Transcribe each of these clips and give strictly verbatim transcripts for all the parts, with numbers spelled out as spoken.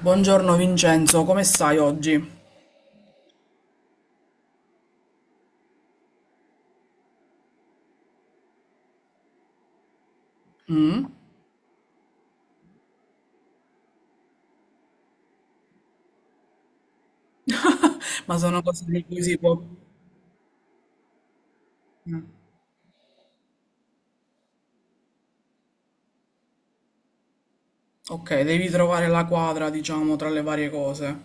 Buongiorno Vincenzo, come stai oggi? Ma sono cose di cui si può... Ok, devi trovare la quadra, diciamo, tra le varie cose.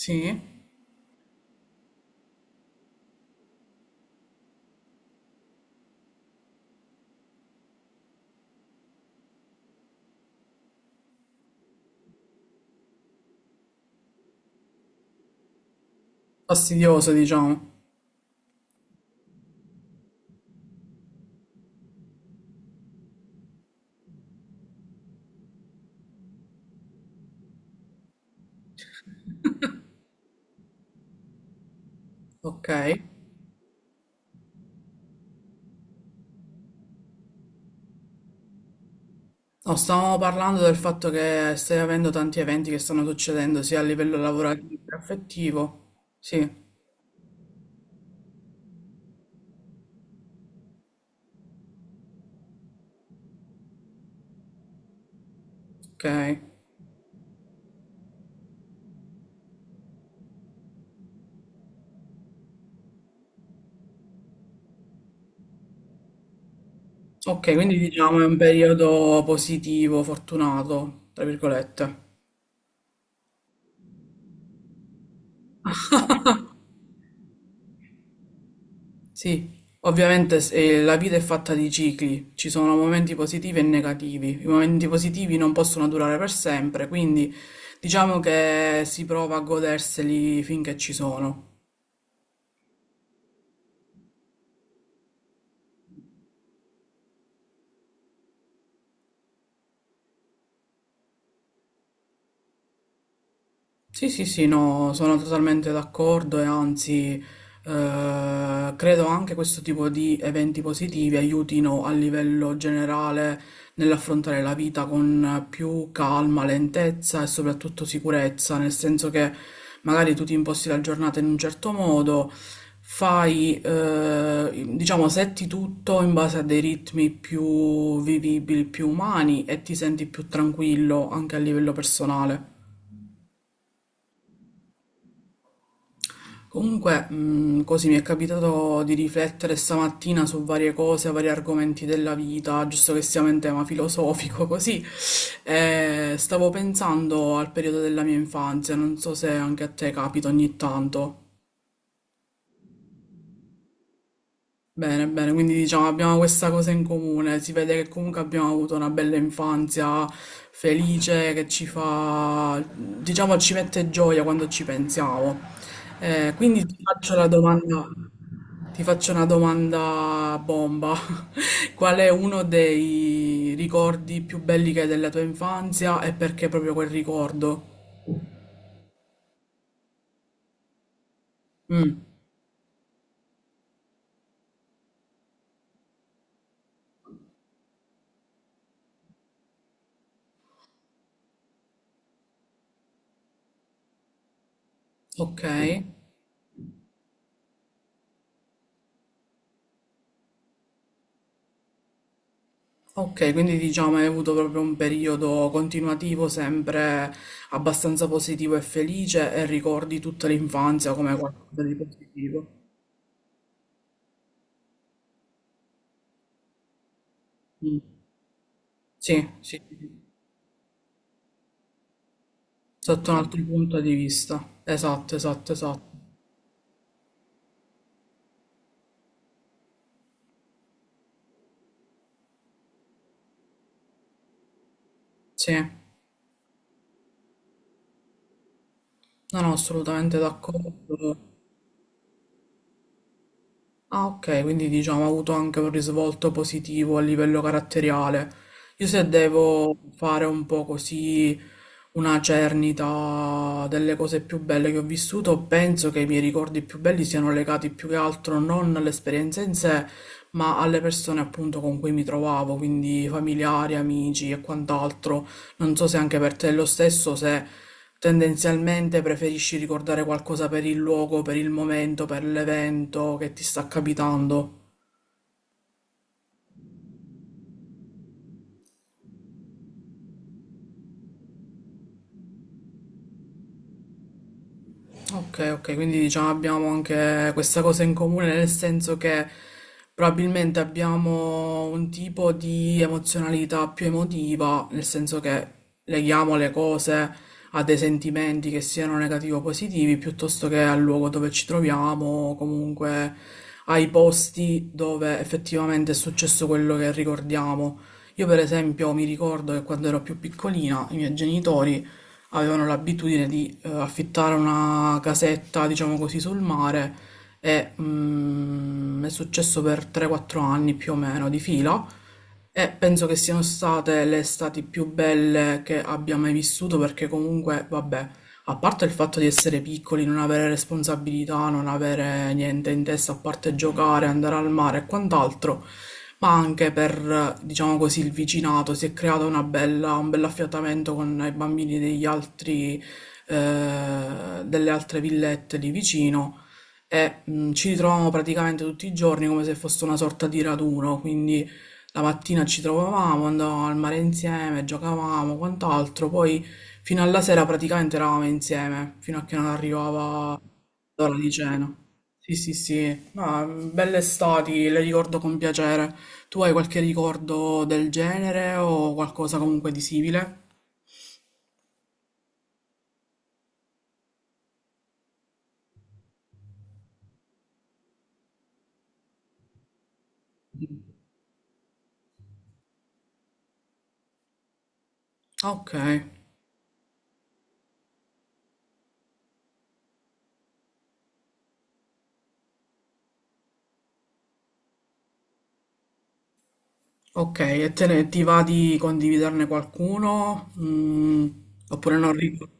Sì? Fastidioso, diciamo. Ok. No, stavamo parlando del fatto che stai avendo tanti eventi che stanno succedendo sia a livello lavorativo che affettivo. Sì, ok. Ok, quindi diciamo è un periodo positivo, fortunato, tra virgolette. Sì, ovviamente s- eh, la vita è fatta di cicli, ci sono momenti positivi e negativi. I momenti positivi non possono durare per sempre, quindi diciamo che si prova a goderseli finché ci sono. Sì, sì, sì, no, sono totalmente d'accordo e anzi eh, credo anche questo tipo di eventi positivi aiutino a livello generale nell'affrontare la vita con più calma, lentezza e soprattutto sicurezza, nel senso che magari tu ti imposti la giornata in un certo modo, fai, eh, diciamo, setti tutto in base a dei ritmi più vivibili, più umani e ti senti più tranquillo anche a livello personale. Comunque, mh, così mi è capitato di riflettere stamattina su varie cose, vari argomenti della vita, giusto che siamo in tema filosofico, così. E stavo pensando al periodo della mia infanzia, non so se anche a te capita ogni tanto. Bene, bene, quindi diciamo abbiamo questa cosa in comune, si vede che comunque abbiamo avuto una bella infanzia felice che ci fa, diciamo, ci mette gioia quando ci pensiamo. Eh, quindi ti faccio la domanda, ti faccio una domanda bomba. Qual è uno dei ricordi più belli che hai della tua infanzia e perché proprio quel ricordo? Mm, ok. Ok, quindi diciamo hai avuto proprio un periodo continuativo sempre abbastanza positivo e felice e ricordi tutta l'infanzia come qualcosa di positivo. Mm. Sì, sì, sì. Sotto un altro punto di vista. Esatto, esatto, esatto. Sì, non ho assolutamente d'accordo. Ah, ok, quindi diciamo ha avuto anche un risvolto positivo a livello caratteriale. Io se devo fare un po' così una cernita delle cose più belle che ho vissuto, penso che i miei ricordi più belli siano legati più che altro non all'esperienza in sé, ma alle persone appunto con cui mi trovavo, quindi familiari, amici e quant'altro. Non so se anche per te è lo stesso, se tendenzialmente preferisci ricordare qualcosa per il luogo, per il momento, per l'evento che ti sta capitando. Ok, ok, quindi diciamo abbiamo anche questa cosa in comune, nel senso che probabilmente abbiamo un tipo di emozionalità più emotiva, nel senso che leghiamo le cose a dei sentimenti che siano negativi o positivi, piuttosto che al luogo dove ci troviamo, o comunque ai posti dove effettivamente è successo quello che ricordiamo. Io per esempio mi ricordo che quando ero più piccolina, i miei genitori avevano l'abitudine di eh, affittare una casetta, diciamo così, sul mare e mm, è successo per tre quattro anni più o meno di fila e penso che siano state le estati più belle che abbia mai vissuto perché comunque, vabbè, a parte il fatto di essere piccoli, non avere responsabilità, non avere niente in testa, a parte giocare, andare al mare e quant'altro, ma anche per, diciamo così, il vicinato si è creato una bella, un bel affiatamento con i bambini degli altri, eh, delle altre villette di vicino e mh, ci ritroviamo praticamente tutti i giorni come se fosse una sorta di raduno, quindi la mattina ci trovavamo, andavamo al mare insieme, giocavamo, quant'altro, poi fino alla sera praticamente eravamo insieme, fino a che non arrivava l'ora di cena. Sì, sì, sì, ma mm, belle estati, le ricordo con piacere. Tu hai qualche ricordo del genere o qualcosa comunque di simile? Ok, ok, e te ne ti va di condividerne qualcuno? Mm, oppure non ricordo?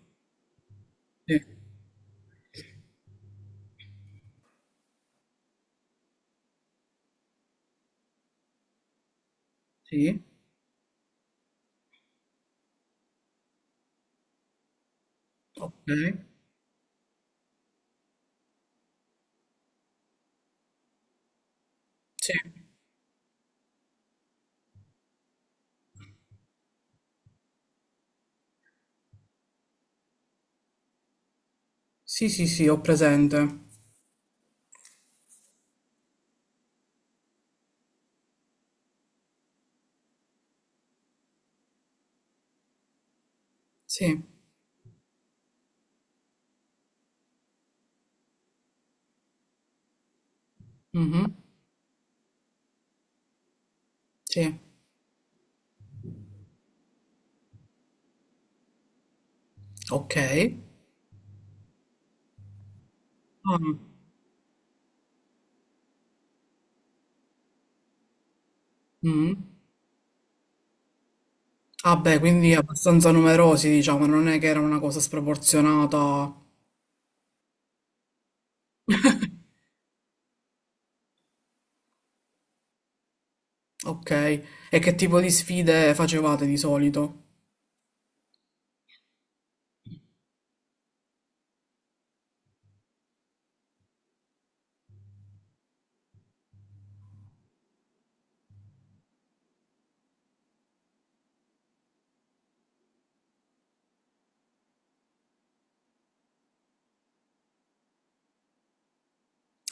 Sì, sì, ok, sì, sì, sì, sì, ho presente. Sì. Mh-mh. Sì. Okay. Ah. Mh. Ah beh, quindi abbastanza numerosi diciamo, non è che era una cosa sproporzionata. Okay. E che tipo di sfide facevate di solito?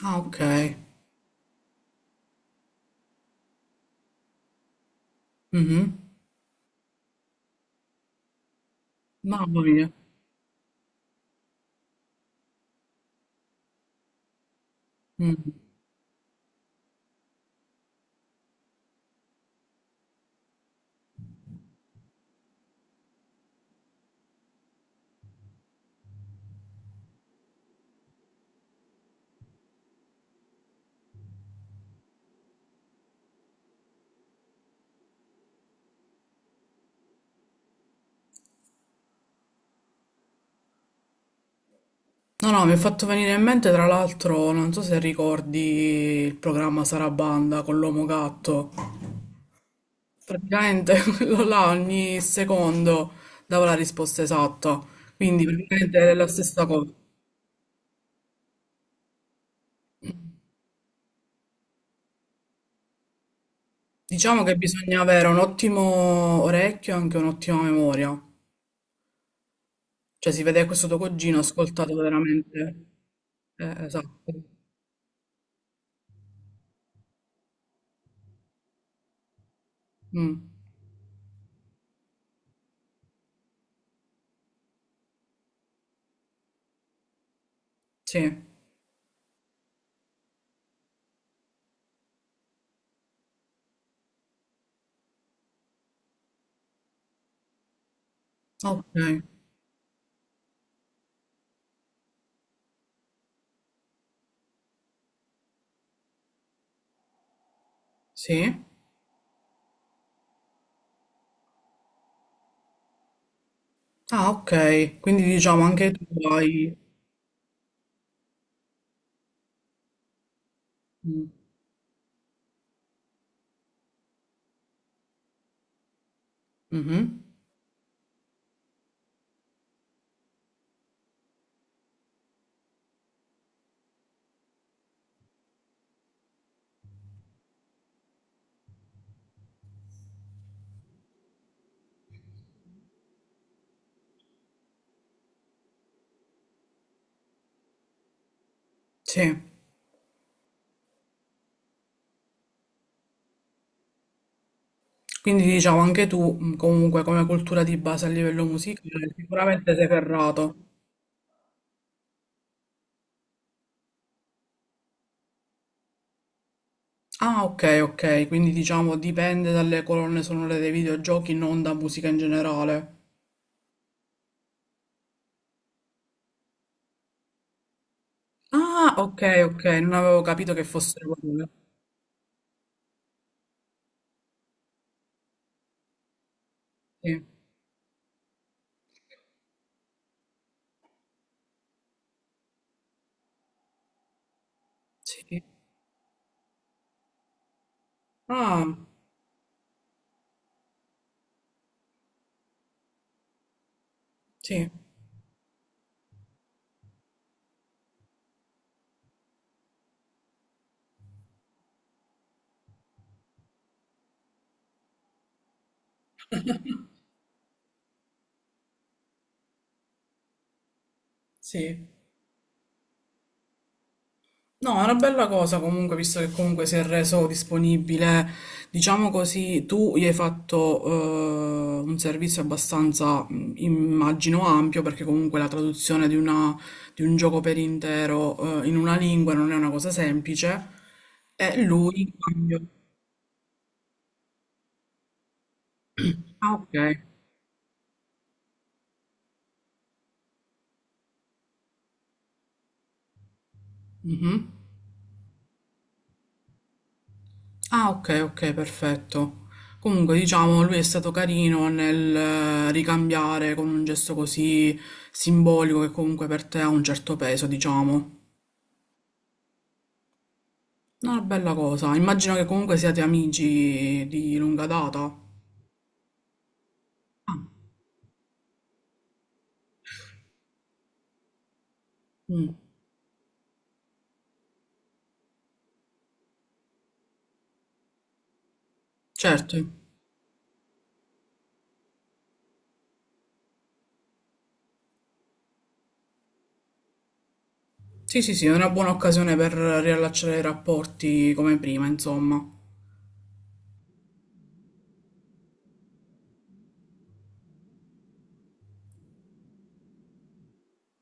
Ah okay. Mh-mh. Mamma mia. Mh. No, no, mi è fatto venire in mente tra l'altro, non so se ricordi il programma Sarabanda con l'Uomo Gatto. Praticamente quello là ogni secondo dava la risposta esatta, quindi praticamente è la stessa cosa. Diciamo che bisogna avere un ottimo orecchio e anche un'ottima memoria, cioè si vede che questo tuo cugino ha ascoltato veramente. Eh, esatto. Mm, sì, ok, sì. Ah, ok, quindi diciamo anche tu hai... Mm, mhm. Sì, quindi diciamo anche tu mm, comunque come cultura di base a livello musicale sicuramente sei ferrato. Ah, ok, ok, quindi diciamo dipende dalle colonne sonore dei videogiochi, non da musica in generale. Ah, ok, ok, non avevo capito che fossero quelle. Sì, sì. Ah, sì, sì. No, è una bella cosa comunque, visto che comunque si è reso disponibile, diciamo così, tu gli hai fatto eh, un servizio abbastanza, mh, immagino, ampio, perché comunque la traduzione di una- di un gioco per intero eh, in una lingua non è una cosa semplice, e lui in cambio... Ah, ok. Mhm. Ah, ok, ok, perfetto. Comunque, diciamo, lui è stato carino nel eh, ricambiare con un gesto così simbolico che comunque per te ha un certo peso, diciamo. No, una bella cosa. Immagino che comunque siate amici di lunga data. Ah, mm, certo. Sì, sì, sì, è una buona occasione per riallacciare i rapporti come prima, insomma.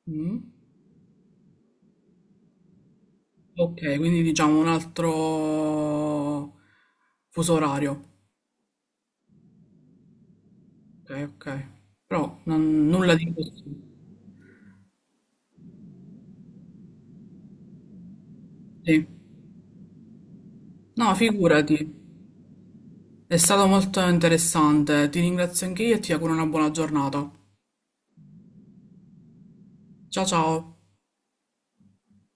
Mm, ok, quindi diciamo un altro fuso orario. Ok, ok. Però non- nulla di così. Sì. No, figurati, è stato molto interessante. Ti ringrazio anche io e ti auguro una buona giornata. Ciao ciao.